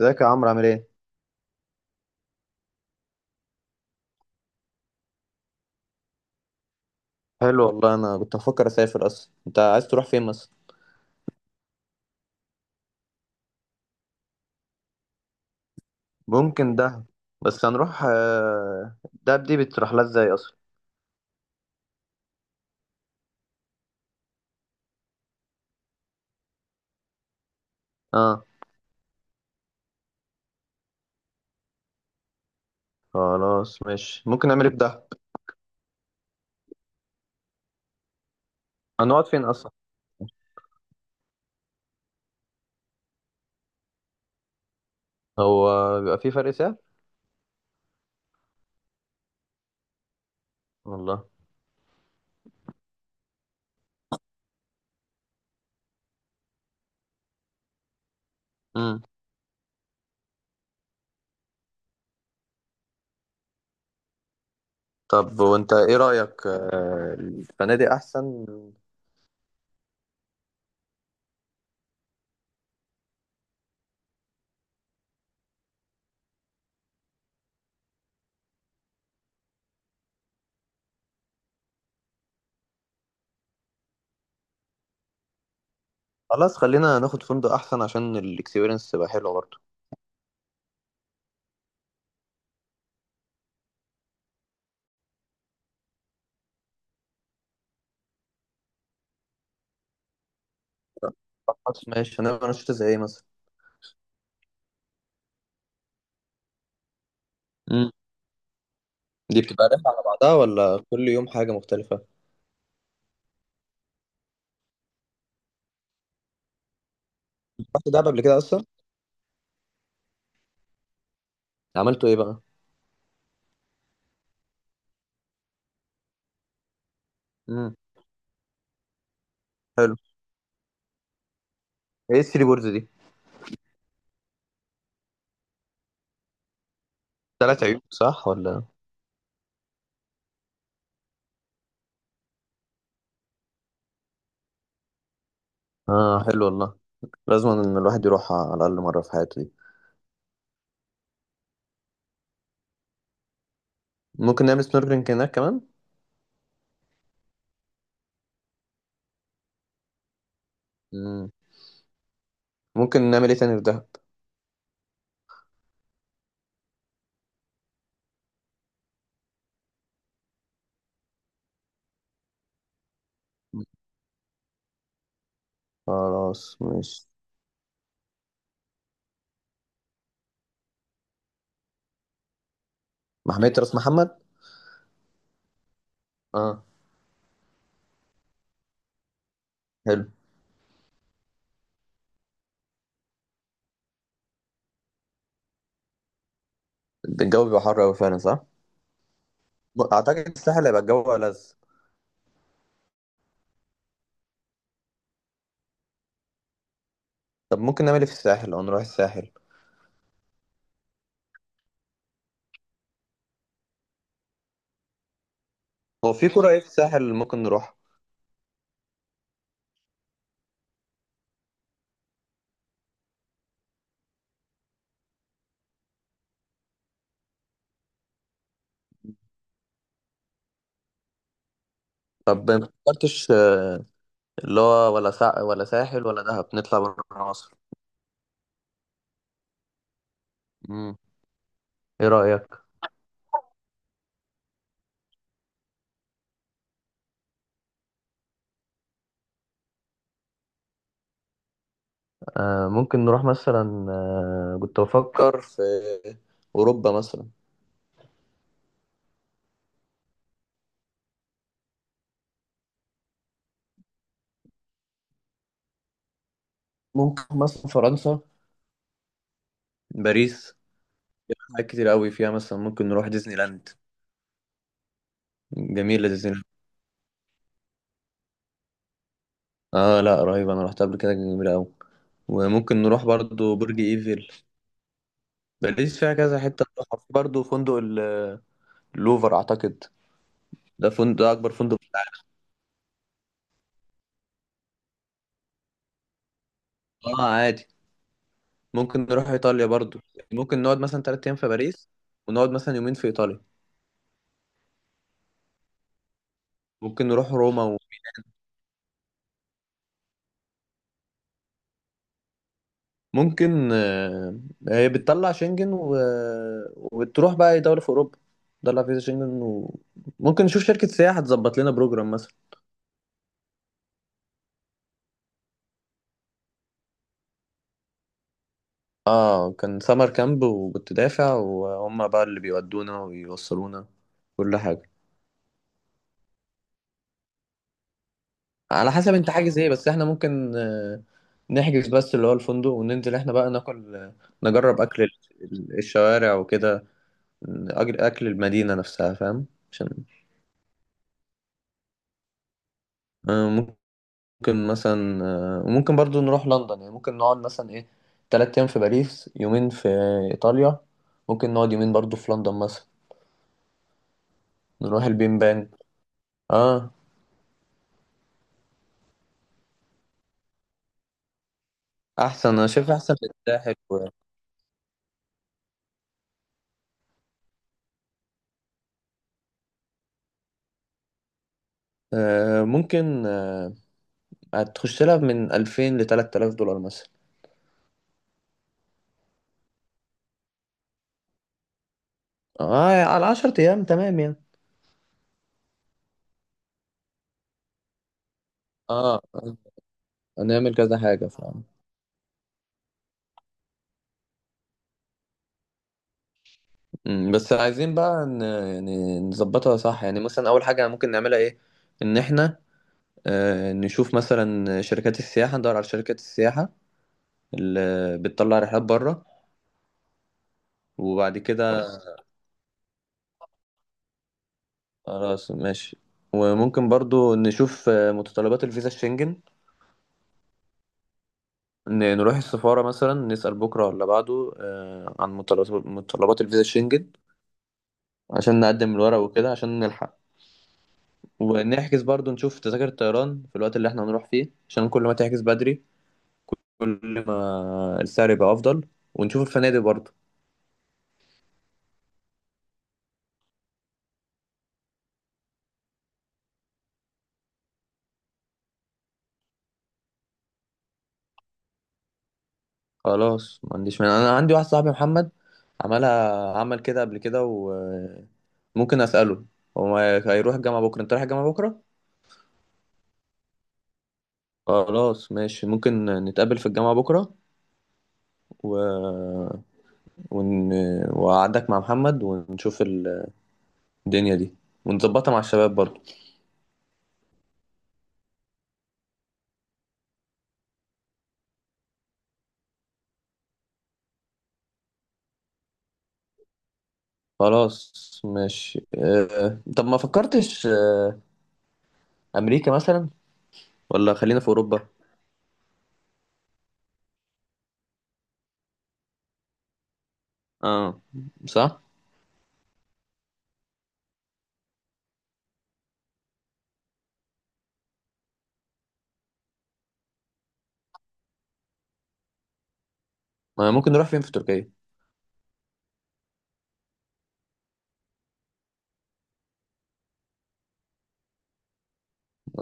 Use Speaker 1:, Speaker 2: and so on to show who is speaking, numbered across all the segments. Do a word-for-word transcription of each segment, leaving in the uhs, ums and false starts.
Speaker 1: ازيك يا عمرو، عامل ايه؟ حلو والله، انا كنت بفكر اسافر اصلا. انت عايز تروح فين مثلا؟ ممكن دهب. بس هنروح، آه، دهب دي بتروح لها ازاي اصلا؟ اه، خلاص ماشي. ممكن نعمل ايه في دهب؟ هنقعد فين اصلا؟ هو بيبقى في فرق سعر؟ والله. امم. طب وانت ايه رأيك، آه، الفنادق احسن؟ خلاص، خلينا ناخد فندق احسن عشان الاكسبيرينس تبقى حلوه برضه. خلاص ماشي. هنعمل انشطه زي ايه مثلا؟ امم. دي بتبقى رحله على بعضها، ولا كل يوم حاجه مختلفه؟ رحت دهب قبل كده اصلا؟ عملتوا ايه بقى؟ امم. حلو. ايه الثري بوردز دي؟ ثلاث عيون، صح ولا؟ اه، حلو والله. لازم ان الواحد يروح على الاقل مره في حياته دي. ممكن نعمل سنوركلينج هناك كمان. امم. ممكن نعمل ايه تاني في دهب؟ خلاص ماشي. محمية راس محمد. اه، حلو. الجو بيبقى حر قوي فعلا، صح. ب- اعتقد الساحل هيبقى الجو ألذ. طب ممكن نعمل ايه في الساحل، او نروح الساحل. هو في كرة ايه في الساحل ممكن نروح؟ طب ما فكرتش، آه، اللي هو ولا سا... ولا ساحل ولا دهب، نطلع بره مصر. امم. ايه رأيك، آه، ممكن نروح مثلا، آه، كنت بفكر في أوروبا مثلا. ممكن مثلا فرنسا. باريس. حاجات كتير قوي فيها، مثلا ممكن نروح ديزني لاند. جميلة ديزني لاند. اه لا، رهيبة، انا رحت قبل كده، جميلة قوي. وممكن نروح برضو برج ايفل. باريس فيها كذا حتة نروحها. في برضو فندق ال- اللوفر اعتقد. ده فندق، ده اكبر فندق. اه عادي. ممكن نروح ايطاليا برضو. ممكن نقعد مثلا تلات ايام في باريس، ونقعد مثلا يومين في ايطاليا. ممكن نروح روما. ممكن آه، هي بتطلع شنجن و... وبتروح بقى اي دوله في اوروبا. تطلع فيزا شنجن. وممكن نشوف شركه سياحه تظبط لنا بروجرام مثلا. اه، كان سمر كامب، وكنت دافع، وهم بقى اللي بيودونا ويوصلونا كل حاجه. على حسب انت حاجز ايه. بس احنا ممكن، آه، نحجز بس اللي هو الفندق، وننزل احنا بقى ناكل، آه، نجرب اكل ال- ال- الشوارع وكده. أجر- اكل المدينه نفسها، فاهم؟ عشان، آه، ممكن مثلا، آه، وممكن برضو نروح لندن، يعني ممكن نقعد مثلا ايه، تلات أيام في باريس، يومين في إيطاليا، ممكن نقعد يومين برضو في لندن مثلا. نروح البين بان. اه. أحسن أنا شايف أحسن في الساحل و... آه ممكن آه هتخش لها من ألفين لتلات آلاف دولار مثلا. اه على عشرة أيام تمام يعني. اه، آه، هنعمل كذا حاجة فعلا. أمم، بس عايزين بقى ن... يعني نظبطها صح، يعني مثلا أول حاجة ممكن نعملها ايه، إن احنا آه، نشوف مثلا شركات السياحة، ندور على شركات السياحة اللي بتطلع رحلات بره. وبعد كده خلاص. خلاص ماشي. وممكن برضو نشوف آه، متطلبات الفيزا الشنجن. ن- نروح السفارة مثلا، نسأل بكرة ولا بعده، آه، عن متطلبات متطلبات الفيزا الشنجن، عشان نقدم الورق وكده عشان نلحق. ونحجز برضو، نشوف تذاكر الطيران في الوقت اللي احنا هنروح فيه، عشان كل ما تحجز بدري كل ما السعر يبقى أفضل. ونشوف الفنادق برضو. خلاص، ما عنديش مانع. انا عندي واحد صاحبي محمد عملها، عمل كده قبل كده، وممكن اساله. هو هيروح الجامعه بكره؟ انت رايح الجامعه بكره؟ خلاص ماشي. ممكن نتقابل في الجامعه بكره و... ون... وأقعدك مع محمد، ونشوف الدنيا دي، ونظبطها مع الشباب برضو. خلاص ماشي. أه... طب ما فكرتش، أه... امريكا مثلا، ولا خلينا في اوروبا؟ اه، صح. ما ممكن نروح فين في تركيا؟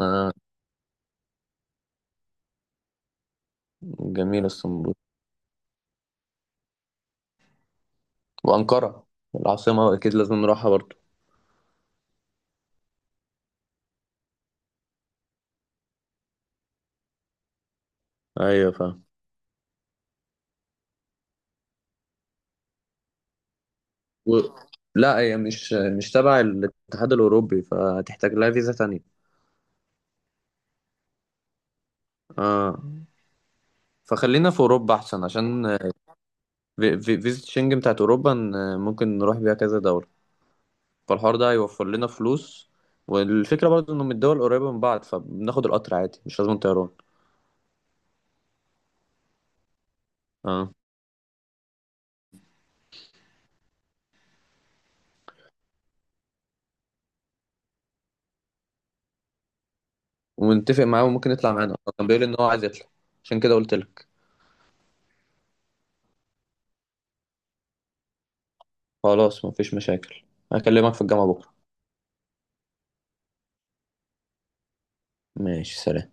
Speaker 1: آه. جميل اسطنبول وأنقرة، العاصمة، أكيد لازم نروحها برضه. أيوة فاهم و... لا، هي مش مش تبع الاتحاد الأوروبي، فهتحتاج لها فيزا تانية. آه. فخلينا في أوروبا أحسن، عشان في- في- فيزا شنجن بتاعت أوروبا، ن- ممكن نروح بيها كذا دولة. فالحوار ده هيوفر لنا فلوس. والفكرة برضه إنه من الدول قريبة من بعض، فبناخد القطر عادي، مش لازم طيران. آه. ونتفق معاه، وممكن يطلع معانا، هو كان بيقول إن هو عايز يطلع. عشان كده قلت لك. خلاص، مفيش مشاكل. هكلمك في الجامعة بكرة. ماشي، سلام.